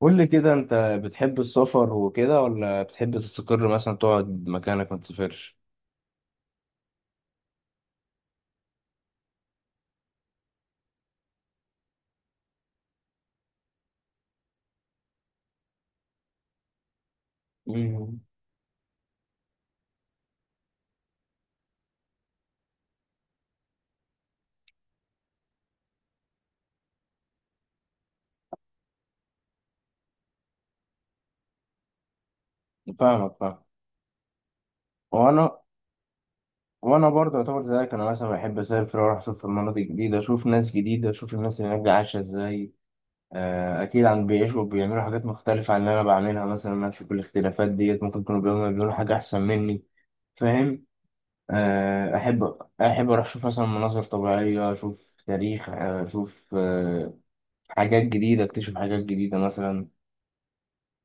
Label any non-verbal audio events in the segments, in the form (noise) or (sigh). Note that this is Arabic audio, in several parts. قول لي كده انت بتحب السفر وكده، ولا بتحب تستقر مثلا تقعد مكانك ما تسافرش؟ مم. فاهمك فاهم. وانا وانا برضه يعتبر زيك، انا مثلا بحب اسافر واروح اشوف مناطق جديده، اشوف ناس جديده، اشوف الناس اللي هناك دي عايشه ازاي. اكيد عن بيعيشوا بيعملوا حاجات مختلفه عن اللي انا بعملها، مثلا انا اشوف الاختلافات ديت، ممكن يكونوا بيعملوا حاجه احسن مني. فاهم. آه، احب احب اروح اشوف مثلا مناظر طبيعيه، اشوف تاريخ، اشوف حاجات جديده، اكتشف حاجات جديده مثلا.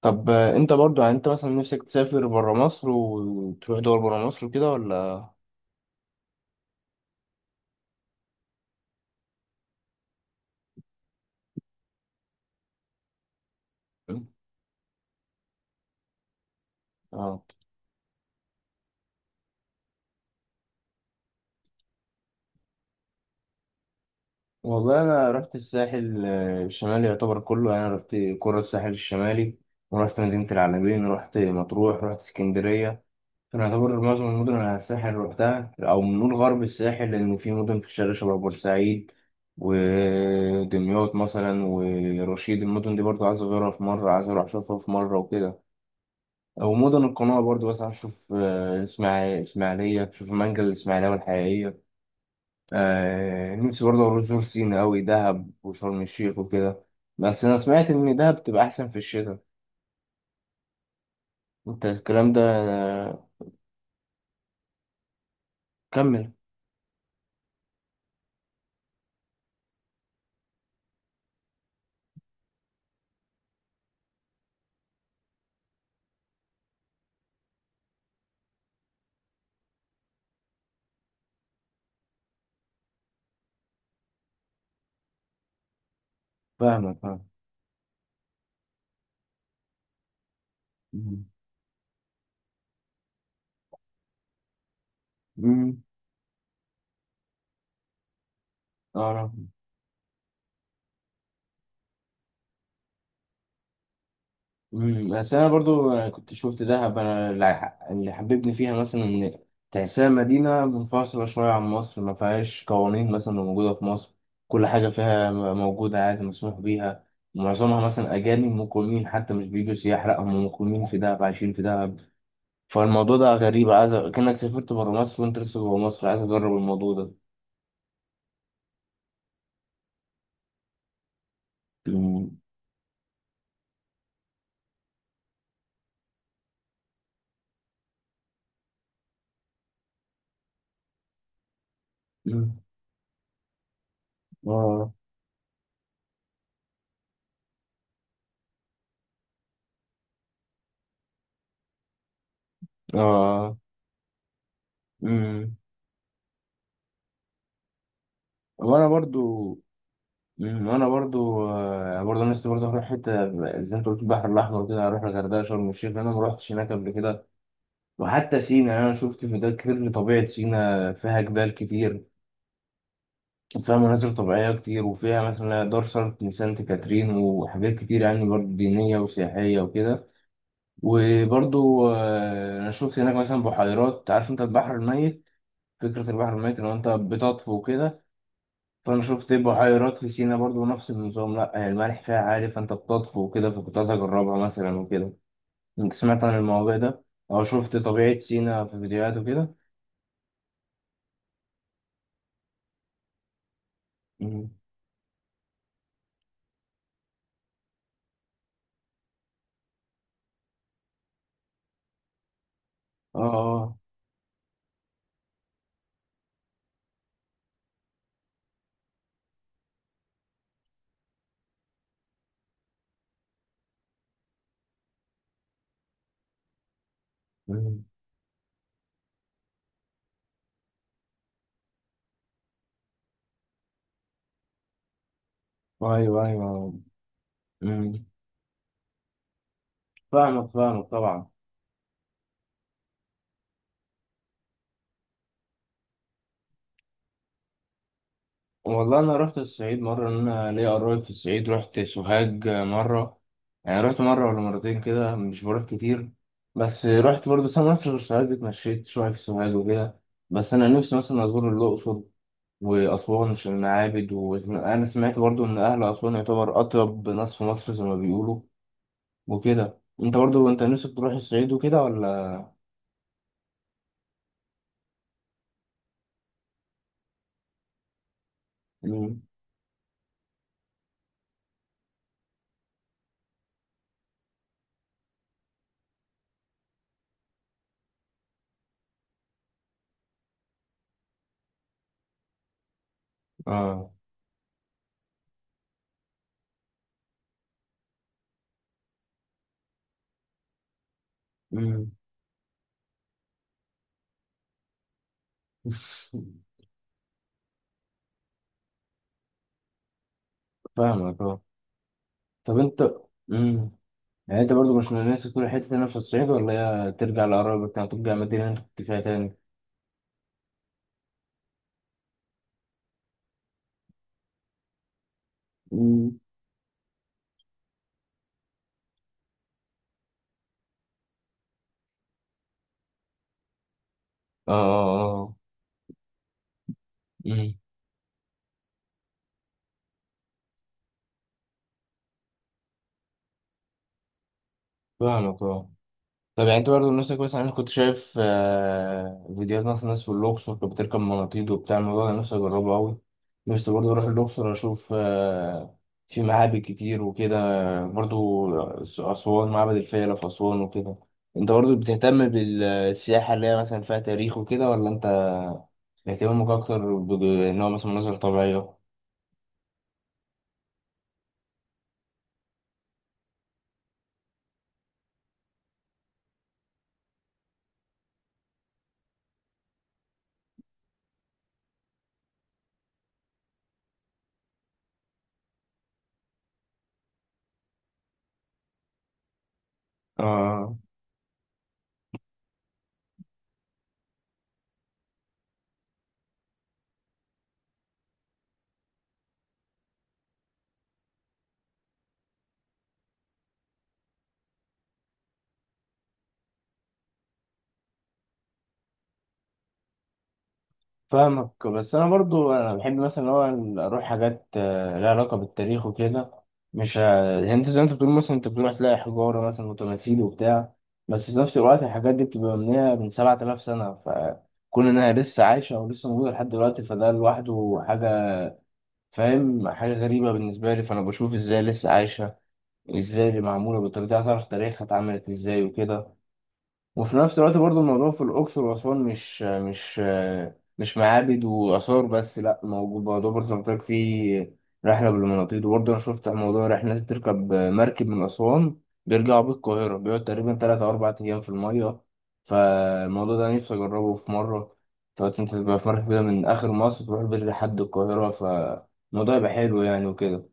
طب انت برضو، يعني انت مثلا نفسك تسافر برا مصر وتروح دول برا مصر وكده ولا؟ اه. والله انا رحت الساحل الشمالي يعتبر كله، يعني رحت قرى الساحل الشمالي، ورحت مدينة العلمين، رحت مطروح، رحت اسكندرية. فانا يعتبر معظم المدن على الساحل روحتها، او نقول غرب الساحل، لان في مدن في الشرق شبه بورسعيد ودمياط مثلا ورشيد، المدن دي برضو عايز اغيرها في مرة، عايز اروح اشوفها في مرة وكده. ومدن القناة برضو، بس أشوف إسماعيلية أشوف المانجا الإسماعيلية والحقيقية. نفسي برضو أروح جورج سينا أوي، دهب وشرم الشيخ وكده. بس أنا سمعت إن دهب بتبقى أحسن في الشتاء. أنت الكلام ده آه؟ كمل. فاهمك فاهم. مم. مم. أعرف. بس انا برضو كنت شفت دهب انا، اللي حببني فيها مثلا ان تحسها مدينه منفصله شويه عن مصر، ما فيهاش قوانين مثلا اللي موجوده في مصر. كل حاجه فيها موجوده عادي، مسموح بيها معظمها، مثلا اجانب مقيمين، حتى مش بيجوا سياح، لا هم مقيمين في دهب، عايشين في دهب. فالموضوع ده غريب، عايز كأنك سافرت بره مصر وانت لسه جوه مصر، عايز اجرب الموضوع ده. مم. مم. اه اه. مم. وانا برضو. وانا برضو، برضو انا لسه برضو هروح حته زي انت قلت البحر الاحمر كده، هروح الغردقه، شرم الشيخ، لان انا ما رحتش هناك قبل كده. وحتى سينا، يعني انا شفت فيديوهات كتير لطبيعه سينا، فيها جبال كتير، وفيها مناظر طبيعيه كتير، وفيها مثلا دار سانت كاترين، وحاجات كتير يعني، برضو دينيه وسياحيه وكده. وبرضو انا شفت هناك مثلا بحيرات، عارف انت البحر الميت، فكره البحر الميت لو انت بتطفو كده؟ فانا شفت بحيرات في سينا برضو نفس النظام، لا يعني الملح فيها عالي فانت بتطفو وكده، فكنت عايز اجربها مثلا وكده. انت سمعت عن الموضوع ده او شفت طبيعة سينا في فيديوهات وكده؟ مم. اه اه. مم. ايوه ايوه. مم. فاهمك فاهمك طبعا. والله انا رحت الصعيد مرة، إن انا ليا قرايب في الصعيد، رحت سوهاج مرة، يعني رحت مرة ولا مرتين كده، مش بروح كتير. بس رحت برضه، بس انا ما رحتش غير سوهاج، اتمشيت شوية في سوهاج وكده. بس انا نفسي مثلا ازور الاقصر وأسوان في المعابد، وأنا سمعت برضو إن أهل أسوان يعتبر أطيب ناس في مصر زي ما بيقولوا وكده. أنت برضو أنت نفسك تروح الصعيد وكده ولا؟ مم. آه. مم. (laughs) فاهمك أه. طب أنت. مم. يعني أنت برضو مش من نفسك تروح حتة هنا في الصعيد، ولا هي ترجع لقرايبك تاني، ترجع المدينة اللي أنت كنت فيها تاني؟ مم. آه آه آه. مم. فاهمك أه. طب يعني انت برضه نفسك كويس، انا كنت شايف فيديوهات مثلا ناس في الاقصر كانت بتركب مناطيد وبتاع، الموضوع ده نفسي اجربه قوي. نفسي برضه اروح الاقصر اشوف، في معابد كتير وكده. برضه اسوان، معبد الفيلة في اسوان وكده. انت برضه بتهتم بالسياحة اللي هي مثلا فيها تاريخ وكده، ولا انت اهتمامك اكتر ان هو مثلا مناظر طبيعية؟ اه. فاهمك. بس انا برضو انا بحب مثلا ان هو اروح حاجات لها علاقه بالتاريخ وكده. مش ه- يعني انت زي ما انت بتقول، مثلا انت بتروح تلاقي حجاره مثلا وتماثيل وبتاع، بس في نفس الوقت الحاجات دي بتبقى مبنيه من 7000 سنه، فكون انها لسه عايشه ولسه موجوده لحد دلوقتي، فده لوحده حاجه، فاهم، حاجه غريبه بالنسبه لي. فانا بشوف ازاي لسه عايشه، ازاي اللي معموله بالطريقه دي، عايز اعرف تاريخها اتعملت ازاي وكده. وفي نفس الوقت برضو الموضوع في الأقصر وأسوان مش معابد وآثار بس، لأ موجود موضوع برضو زي ما قلت لك، فيه رحلة بالمناطيد، وبرضو أنا شفت موضوع رحلة ناس بتركب مركب من أسوان بيرجعوا بالقاهرة، بيقعد تقريبا 3 أو 4 أيام في المية. فالموضوع ده نفسي أجربه في مرة. تقعد أنت تبقى في مركب كده من آخر مصر تروح بيه لحد القاهرة، فالموضوع يبقى حلو يعني وكده.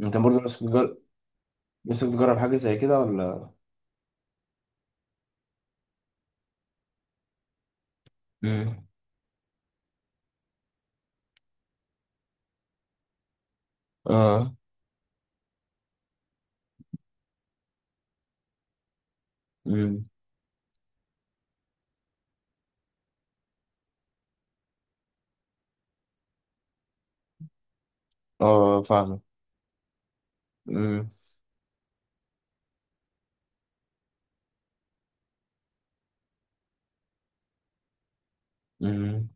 أنت برضو نفسك تجرب حاجة زي كده ولا؟ مم. آه. مم. اه فاهم. مم. مم.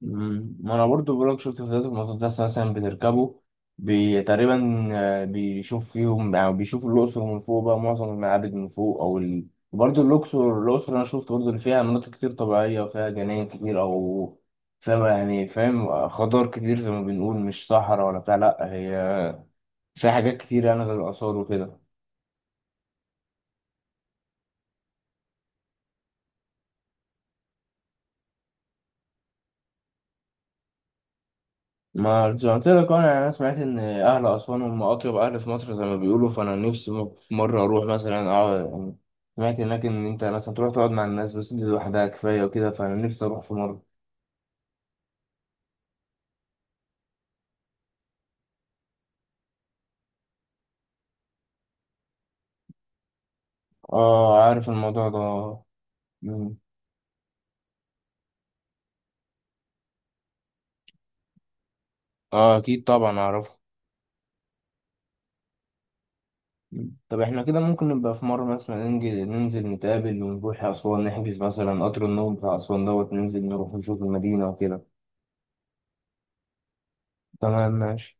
مم. ما انا برضو بقولك شفت فيديوهات المقدسة مثلا بتركبوا بي تقريبا، بيشوف فيهم، يعني بيشوفوا الأقصر من فوق بقى، معظم المعابد من فوق، أو برضو الأقصر أنا شفت برضو اللي فيها مناطق كتير طبيعية، وفيها جناين كتير أو، فاهم يعني، فاهم، خضار كتير زي ما بنقول، مش صحراء ولا بتاع، لأ هي فيها حاجات كتير يعني غير الآثار وكده. ما زي ما قلت لك، انا سمعت ان اهل اسوان هم اطيب اهل في مصر زي ما بيقولوا، فانا نفسي في مره اروح مثلا اقعد، يعني سمعت هناك ان انت مثلا تروح تقعد مع الناس بس، دي لوحدها كفايه وكده، فانا نفسي اروح في مره. اه عارف الموضوع ده. مم. اه اكيد طبعا اعرفه. مم. طب احنا كده ممكن نبقى في مره مثلا ننزل نتقابل ونروح اسوان، نحجز مثلا قطر النوم بتاع اسوان، دوت ننزل نروح نشوف المدينه وكده. تمام ماشي.